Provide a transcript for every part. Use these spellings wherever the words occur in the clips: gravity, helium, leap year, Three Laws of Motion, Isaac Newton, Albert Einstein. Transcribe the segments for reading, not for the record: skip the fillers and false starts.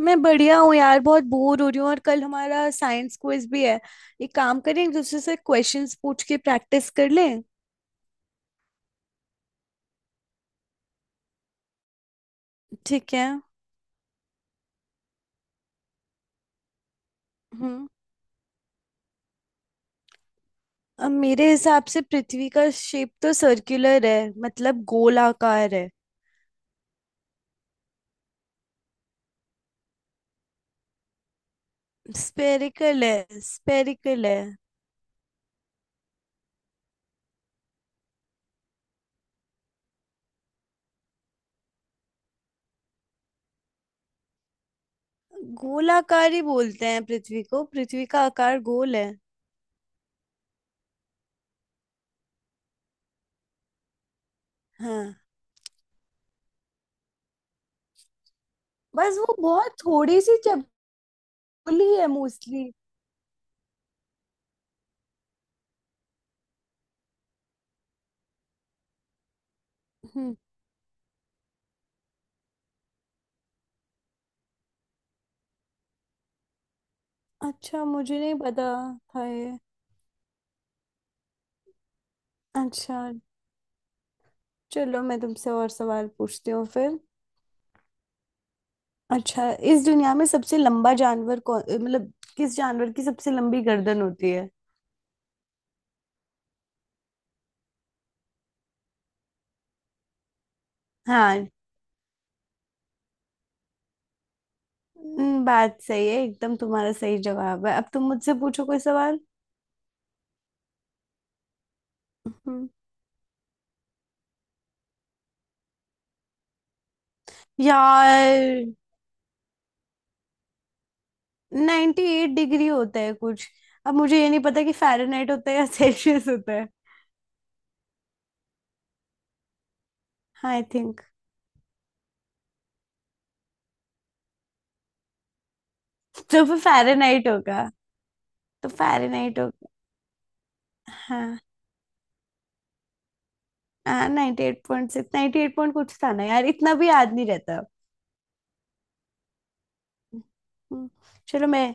मैं बढ़िया हूँ यार, बहुत बोर हो रही हूँ और कल हमारा साइंस क्विज भी है। एक काम करें, एक दूसरे से क्वेश्चंस पूछ के प्रैक्टिस कर लें। ठीक है। हम्म। अब मेरे हिसाब से पृथ्वी का शेप तो सर्कुलर है, मतलब गोलाकार है। स्फेरिकल है। गोलाकार ही बोलते हैं पृथ्वी को, पृथ्वी का आकार गोल है। हाँ, बस वो बहुत थोड़ी सी चपली है मोस्टली। हम्म। अच्छा, मुझे नहीं पता था ये। अच्छा, चलो मैं तुमसे और सवाल पूछती हूँ फिर। अच्छा, इस दुनिया में सबसे लंबा जानवर कौन, मतलब किस जानवर की सबसे लंबी गर्दन होती है। हाँ। बात सही है एकदम, तुम्हारा सही जवाब है। अब तुम मुझसे पूछो कोई सवाल। हम्म। यार, 98 एट डिग्री होता है कुछ। अब मुझे ये नहीं पता कि फ़ारेनहाइट होता है या सेल्सियस होता है, आई थिंक। तो फिर फ़ारेनहाइट होगा। तो फ़ारेनहाइट होगा हाँ। हाँ, 98.6 eight point six, ninety eight point कुछ था ना यार, इतना भी याद नहीं रहता। हम्म। चलो, मैं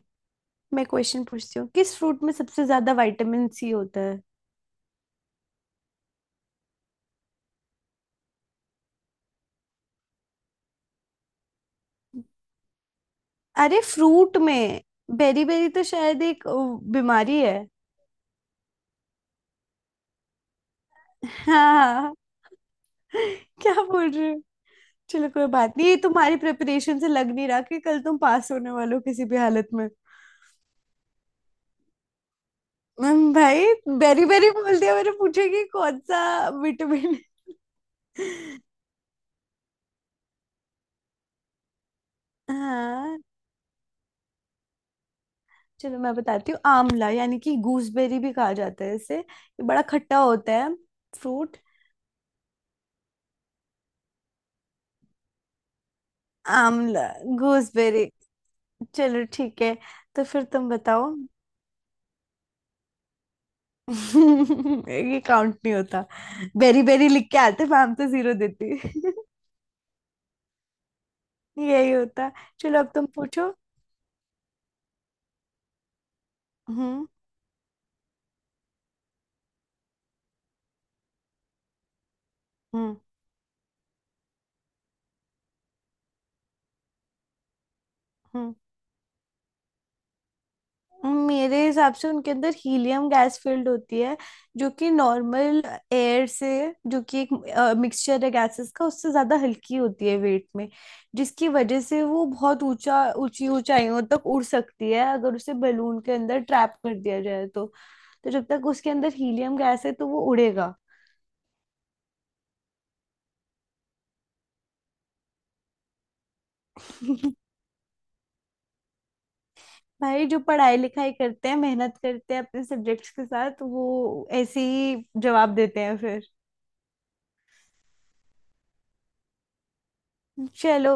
मैं क्वेश्चन पूछती हूँ। किस फ्रूट में सबसे ज्यादा विटामिन सी होता है। अरे, फ्रूट में बेरी बेरी तो शायद एक बीमारी है। हाँ। क्या बोल रहे हो। चलो, कोई बात नहीं, ये तुम्हारी प्रिपरेशन से लग नहीं रहा कि कल तुम पास होने वाले हो किसी भी हालत में। भाई, बेरी बेरी बोल दिया, मैंने पूछा कि कौन सा विटामिन। हाँ। चलो मैं बताती हूँ, आंवला यानी कि गूसबेरी भी कहा जाता है इसे, ये बड़ा खट्टा होता है फ्रूट, आमला, गूसबेरी। चलो ठीक है, तो फिर तुम बताओ। ये काउंट नहीं होता। बेरी बेरी लिख के आते मैम तो जीरो देती यही होता। चलो, अब तुम पूछो। हम्म। हम्म। हम्म। मेरे हिसाब से उनके अंदर हीलियम गैस फील्ड होती है, जो कि नॉर्मल एयर से, जो कि एक मिक्सचर है गैसेस का, उससे ज्यादा हल्की होती है वेट में, जिसकी वजह से वो बहुत ऊंचा ऊंची ऊंचाइयों तक उड़ सकती है अगर उसे बलून के अंदर ट्रैप कर दिया जाए तो। तो जब तक उसके अंदर हीलियम गैस है तो वो उड़ेगा। भाई, जो पढ़ाई लिखाई करते हैं, मेहनत करते हैं अपने सब्जेक्ट्स के साथ, वो ऐसे ही जवाब देते हैं फिर। चलो,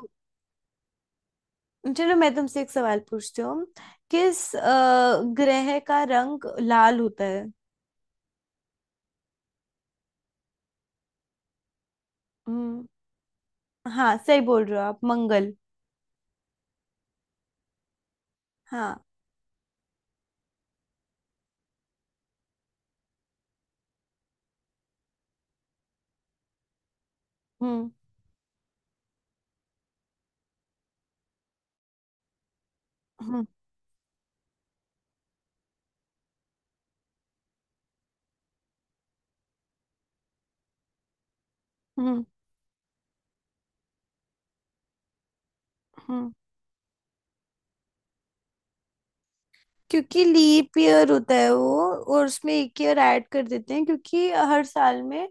मैं तुमसे एक सवाल पूछती हूँ। किस ग्रह का रंग लाल होता है। हम्म। हाँ, सही बोल रहे हो आप, मंगल। हाँ। हम्म। हम्म। हम्म। हम्म। क्योंकि लीप ईयर होता है वो, और उसमें एक ईयर ऐड कर देते हैं क्योंकि हर साल में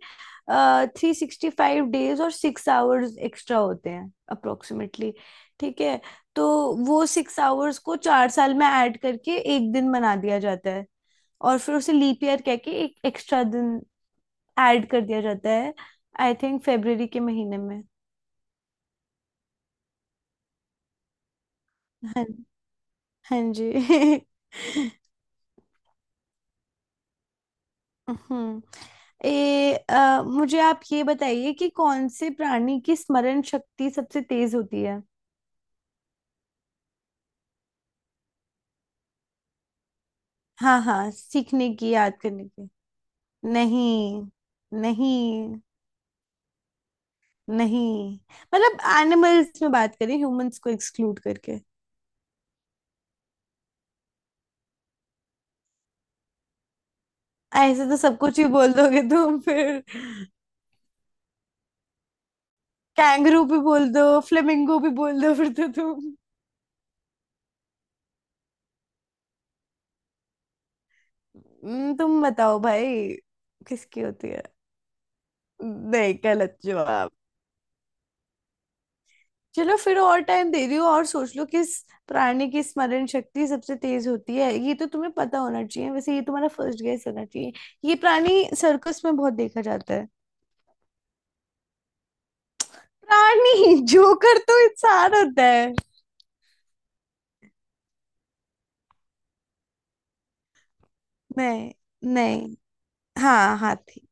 365 डेज और 6 आवर्स एक्स्ट्रा होते हैं अप्रोक्सीमेटली, ठीक है। तो वो 6 आवर्स को 4 साल में ऐड करके एक दिन बना दिया जाता है, और फिर उसे लीप ईयर कह के एक एक्स्ट्रा दिन ऐड कर दिया जाता है, आई थिंक फेब्रवरी के महीने में। हाँ। हाँ जी हम्म। मुझे आप ये बताइए कि कौन से प्राणी की स्मरण शक्ति सबसे तेज होती है। हाँ हाँ, सीखने की, याद करने की। नहीं। नहीं। नहीं। मतलब एनिमल्स में बात करें, ह्यूमंस को एक्सक्लूड करके। ऐसे तो सब कुछ ही बोल दोगे तुम फिर। कैंगरू भी बोल दो, फ्लेमिंगो भी बोल दो फिर तो तुम। तुम बताओ भाई, किसकी होती है। नहीं, गलत जवाब। चलो फिर, और टाइम दे दियो और सोच लो किस प्राणी की स्मरण शक्ति सबसे तेज होती है, ये तो तुम्हें पता होना चाहिए, वैसे ये तुम्हारा फर्स्ट गेस होना चाहिए। ये प्राणी सर्कस में बहुत देखा जाता है। प्राणी जोकर तो इंसान होता है। नहीं। नहीं। हाँ, हाथी।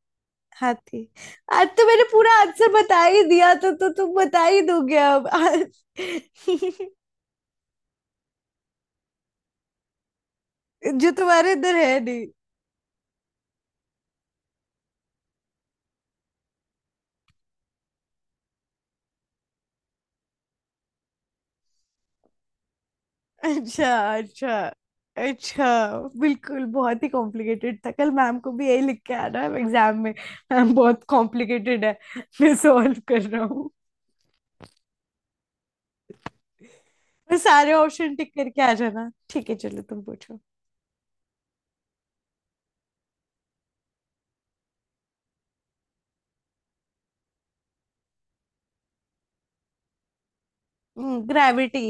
हाथी। आज तो मैंने पूरा आंसर बता ही दिया, तो तुम बता ही दोगे अब आज। जो तुम्हारे अंदर है। अच्छा। अच्छा। अच्छा। बिल्कुल, बहुत ही कॉम्प्लिकेटेड था, कल मैम को भी यही लिख के आना है एग्जाम में, मैम बहुत कॉम्प्लिकेटेड है, मैं सॉल्व कर रहा हूँ। मैं सारे ऑप्शन टिक करके आ जाना। ठीक है, चलो तुम पूछो। ग्रेविटी।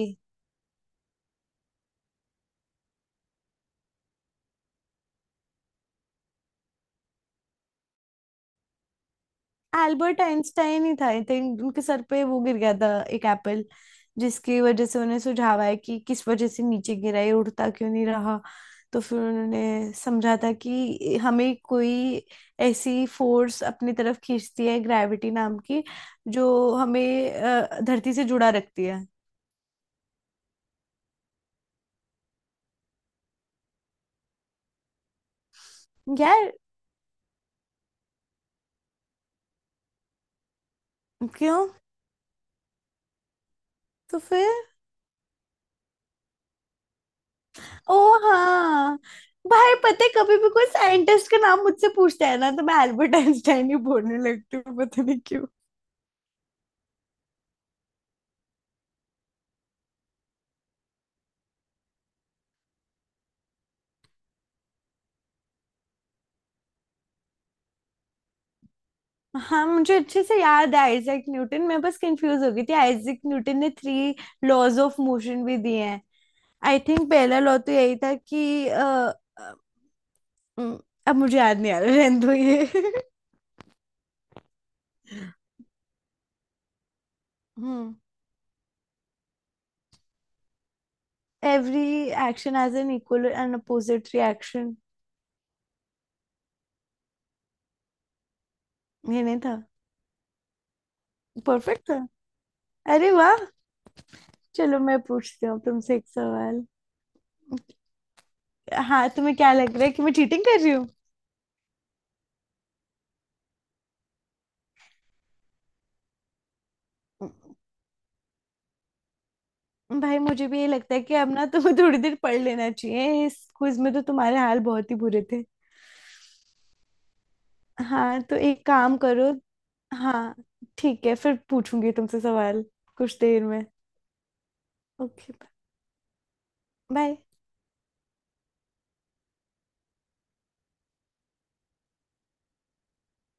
एल्बर्ट आइंस्टाइन ही था, आई थिंक उनके सर पे वो गिर गया था एक एप्पल, जिसकी वजह से उन्हें सुझाव आया कि किस वजह से नीचे गिरा ये, उड़ता क्यों नहीं रहा। तो फिर उन्होंने समझा था कि हमें कोई ऐसी फोर्स अपनी तरफ खींचती है ग्रेविटी नाम की, जो हमें धरती से जुड़ा रखती है। यार। क्यों, तो फिर। ओ। हाँ। भाई पता है, कभी भी कोई साइंटिस्ट का नाम मुझसे पूछता है ना तो मैं एल्बर्ट आइंस्टाइन ही बोलने लगती हूँ, पता नहीं। हाँ, मुझे अच्छे से याद है, आइजैक न्यूटन, मैं बस कंफ्यूज हो गई थी। आइजैक न्यूटन ने 3 लॉज ऑफ मोशन भी दिए हैं। आई थिंक पहला लॉ तो यही था कि अ, उम, अब मुझे याद नहीं आ रहा, रहने दो ये हम्म। Every action has an equal and opposite reaction. ये नहीं था। परफेक्ट था। अरे वाह। चलो मैं पूछती हूँ तुमसे एक सवाल। हाँ, तुम्हें क्या लग रहा है कि मैं चीटिंग कर रही हूँ। भाई, मुझे भी यही लगता है कि अब ना तुम्हें थोड़ी देर पढ़ लेना चाहिए, इस क्विज में तो तुम्हारे हाल बहुत ही बुरे थे। हाँ, तो एक काम करो। हाँ, ठीक है, फिर पूछूंगी तुमसे सवाल कुछ देर में। ओके। बाय।